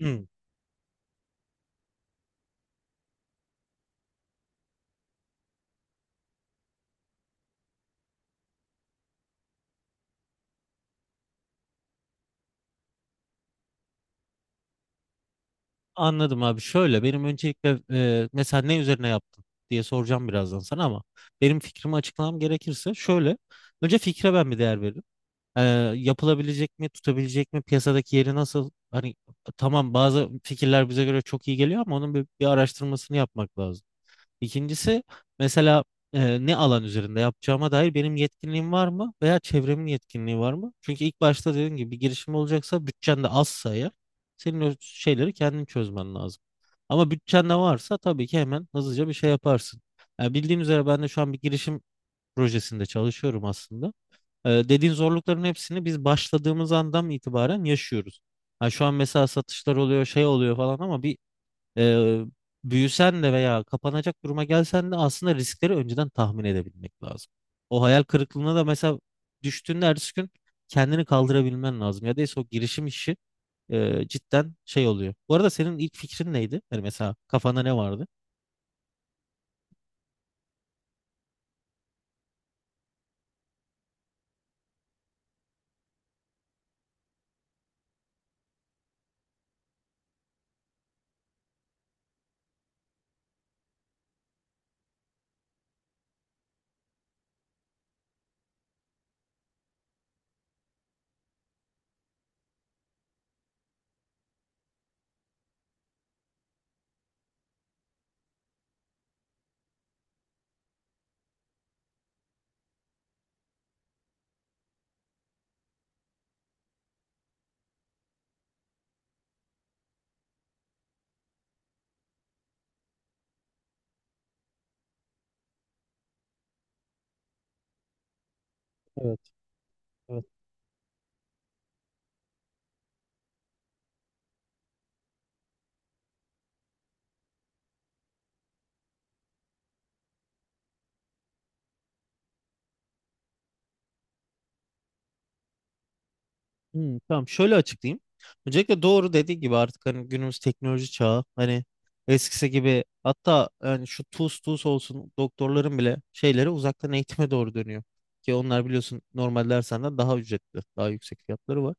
Hı, anladım abi. Şöyle benim öncelikle mesela ne üzerine yaptın diye soracağım birazdan sana ama benim fikrimi açıklamam gerekirse şöyle. Önce fikre ben bir değer veririm. E, yapılabilecek mi, tutabilecek mi, piyasadaki yeri nasıl? Hani tamam bazı fikirler bize göre çok iyi geliyor ama onun bir araştırmasını yapmak lazım. İkincisi mesela ne alan üzerinde yapacağıma dair benim yetkinliğim var mı veya çevremin yetkinliği var mı? Çünkü ilk başta dediğim gibi bir girişim olacaksa bütçen de azsa eğer senin o şeyleri kendin çözmen lazım. Ama bütçen de varsa tabii ki hemen hızlıca bir şey yaparsın. Yani bildiğin üzere ben de şu an bir girişim projesinde çalışıyorum aslında. Dediğin zorlukların hepsini biz başladığımız andan itibaren yaşıyoruz. Ha şu an mesela satışlar oluyor, şey oluyor falan ama bir e, büyüsen de veya kapanacak duruma gelsen de aslında riskleri önceden tahmin edebilmek lazım. O hayal kırıklığına da mesela düştüğünde ertesi gün kendini kaldırabilmen lazım. Ya da o girişim işi cidden şey oluyor. Bu arada senin ilk fikrin neydi? Yani mesela kafanda ne vardı? Evet, evet. Hmm, tamam şöyle açıklayayım. Öncelikle doğru dediği gibi artık hani günümüz teknoloji çağı hani eskisi gibi hatta yani şu tuz tuz olsun doktorların bile şeyleri uzaktan eğitime doğru dönüyor. Ki onlar biliyorsun normal dersenden daha ücretli daha yüksek fiyatları var.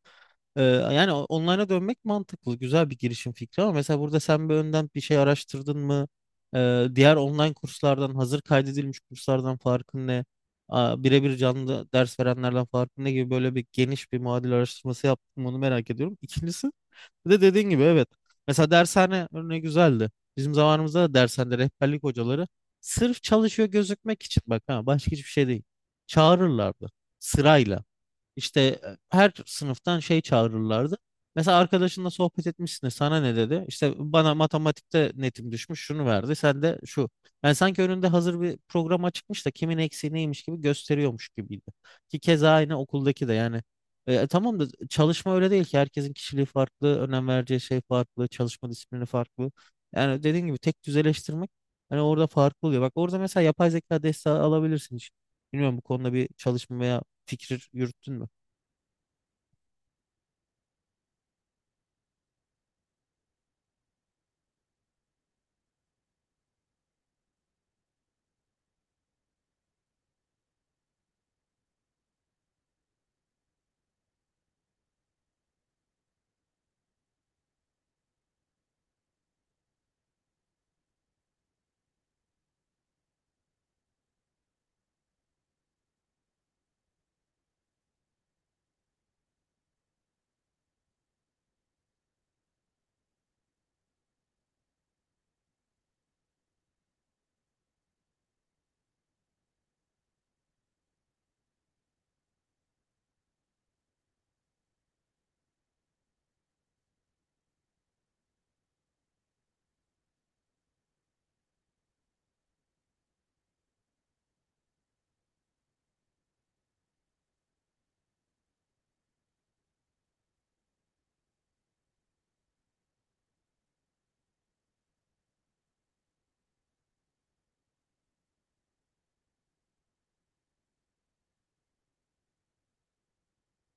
Yani online'a dönmek mantıklı. Güzel bir girişim fikri ama mesela burada sen bir önden bir şey araştırdın mı? Diğer online kurslardan, hazır kaydedilmiş kurslardan farkın ne? Birebir canlı ders verenlerden farkın ne gibi böyle bir geniş bir muadil araştırması yaptım onu merak ediyorum. İkincisi bir de dediğin gibi evet. Mesela dershane örneği güzeldi. Bizim zamanımızda da dershanede rehberlik hocaları sırf çalışıyor gözükmek için bak ha başka hiçbir şey değil. Çağırırlardı sırayla. İşte her sınıftan şey çağırırlardı. Mesela arkadaşınla sohbet etmişsin de sana ne dedi? İşte bana matematikte netim düşmüş şunu verdi. Sen de şu. Yani sanki önünde hazır bir program açıkmış da kimin eksiği neymiş gibi gösteriyormuş gibiydi. Ki keza aynı okuldaki de yani. Tamam da çalışma öyle değil ki. Herkesin kişiliği farklı, önem vereceği şey farklı, çalışma disiplini farklı. Yani dediğin gibi tek düzeleştirmek hani orada farklı oluyor. Bak orada mesela yapay zeka desteği alabilirsin hiç. Bilmiyorum bu konuda bir çalışma veya fikir yürüttün mü?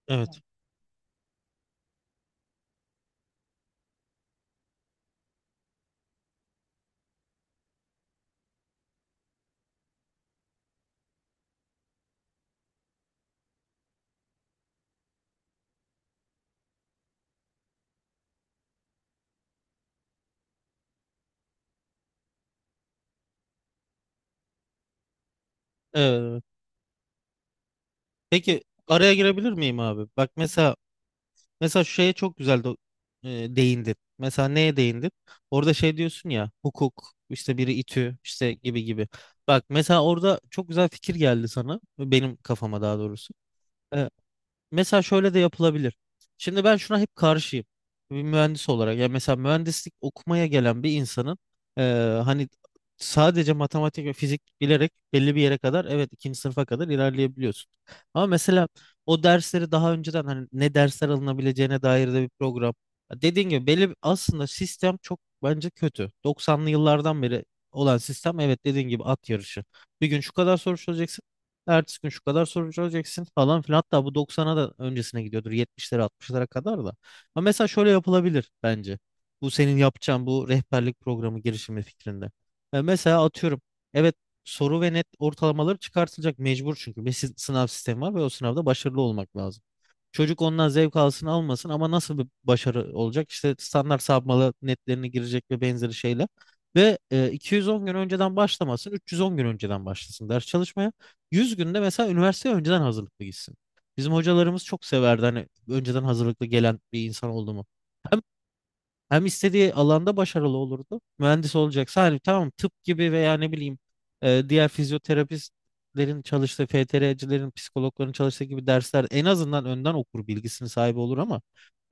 Evet. Evet. Evet. Peki araya girebilir miyim abi? Bak mesela şu şeye çok güzel değindin. Mesela neye değindin? Orada şey diyorsun ya hukuk işte biri İTÜ işte gibi gibi. Bak mesela orada çok güzel fikir geldi sana benim kafama daha doğrusu. E, Mesela şöyle de yapılabilir. Şimdi ben şuna hep karşıyım. Bir mühendis olarak. Ya mesela mühendislik okumaya gelen bir insanın hani sadece matematik ve fizik bilerek belli bir yere kadar evet ikinci sınıfa kadar ilerleyebiliyorsun. Ama mesela o dersleri daha önceden hani ne dersler alınabileceğine dair de bir program. Ya dediğin gibi belli aslında sistem çok bence kötü. 90'lı yıllardan beri olan sistem evet dediğin gibi at yarışı. Bir gün şu kadar soru çözeceksin. Ertesi gün şu kadar soru çözeceksin falan filan. Hatta bu doksan'a da öncesine gidiyordur. 70'lere altmışlara kadar da. Ama mesela şöyle yapılabilir bence. Bu senin yapacağın bu rehberlik programı girişimi fikrinde. Mesela atıyorum. Evet soru ve net ortalamaları çıkartılacak mecbur çünkü. Bir sınav sistemi var ve o sınavda başarılı olmak lazım. Çocuk ondan zevk alsın almasın ama nasıl bir başarı olacak? İşte standart sapmalı netlerine girecek ve benzeri şeyler. Ve 210 gün önceden başlamasın, 310 gün önceden başlasın ders çalışmaya. 100 günde mesela üniversiteye önceden hazırlıklı gitsin. Bizim hocalarımız çok severdi hani önceden hazırlıklı gelen bir insan oldu mu? Hem istediği alanda başarılı olurdu. Mühendis olacaksa hani tamam tıp gibi veya ne bileyim diğer fizyoterapistlerin çalıştığı, FTR'cilerin, psikologların çalıştığı gibi dersler en azından önden okur bilgisini sahibi olur ama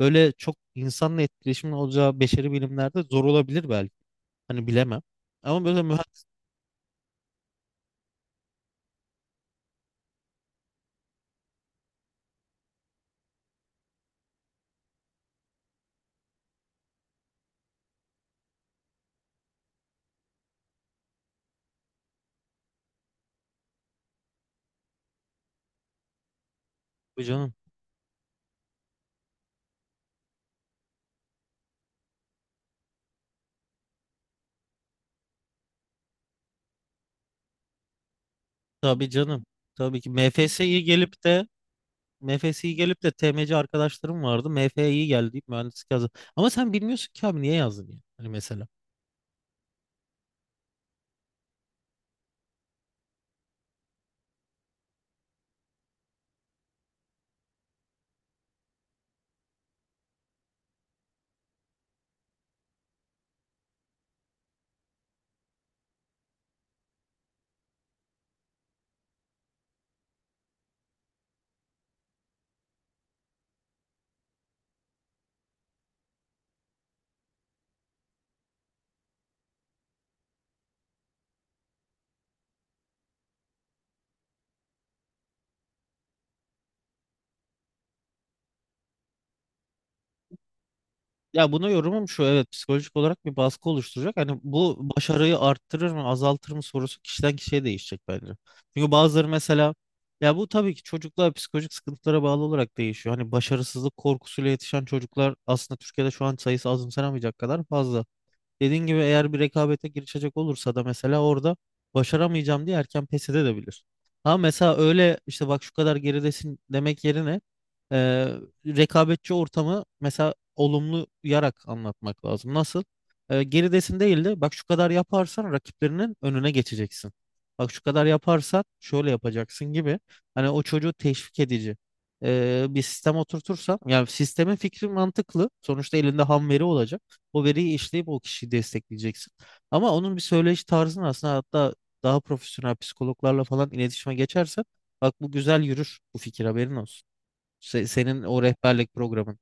böyle çok insanla etkileşimin olacağı beşeri bilimlerde zor olabilir belki. Hani bilemem. Ama böyle mühendis. Tabii canım. Tabii canım. Tabii ki MFS'yi gelip de TMC arkadaşlarım vardı. MF'yi geldi deyip mühendislik yazdı. Ama sen bilmiyorsun ki abi niye yazdın ya? Hani mesela. Ya buna yorumum şu evet psikolojik olarak bir baskı oluşturacak. Hani bu başarıyı arttırır mı azaltır mı sorusu kişiden kişiye değişecek bence. Çünkü bazıları mesela ya bu tabii ki çocuklar psikolojik sıkıntılara bağlı olarak değişiyor. Hani başarısızlık korkusuyla yetişen çocuklar aslında Türkiye'de şu an sayısı azımsanamayacak kadar fazla. Dediğin gibi eğer bir rekabete girişecek olursa da mesela orada başaramayacağım diye erken pes edebilir. Ama mesela öyle işte bak şu kadar geridesin demek yerine e, rekabetçi ortamı mesela olumlu yarak anlatmak lazım. Nasıl? Geridesin değil de bak şu kadar yaparsan rakiplerinin önüne geçeceksin. Bak şu kadar yaparsan şöyle yapacaksın gibi. Hani o çocuğu teşvik edici bir sistem oturtursam yani sistemin fikri mantıklı. Sonuçta elinde ham veri olacak. O veriyi işleyip o kişiyi destekleyeceksin. Ama onun bir söyleyiş tarzını aslında hatta daha profesyonel psikologlarla falan iletişime geçersen bak bu güzel yürür bu fikir haberin olsun. Senin o rehberlik programın.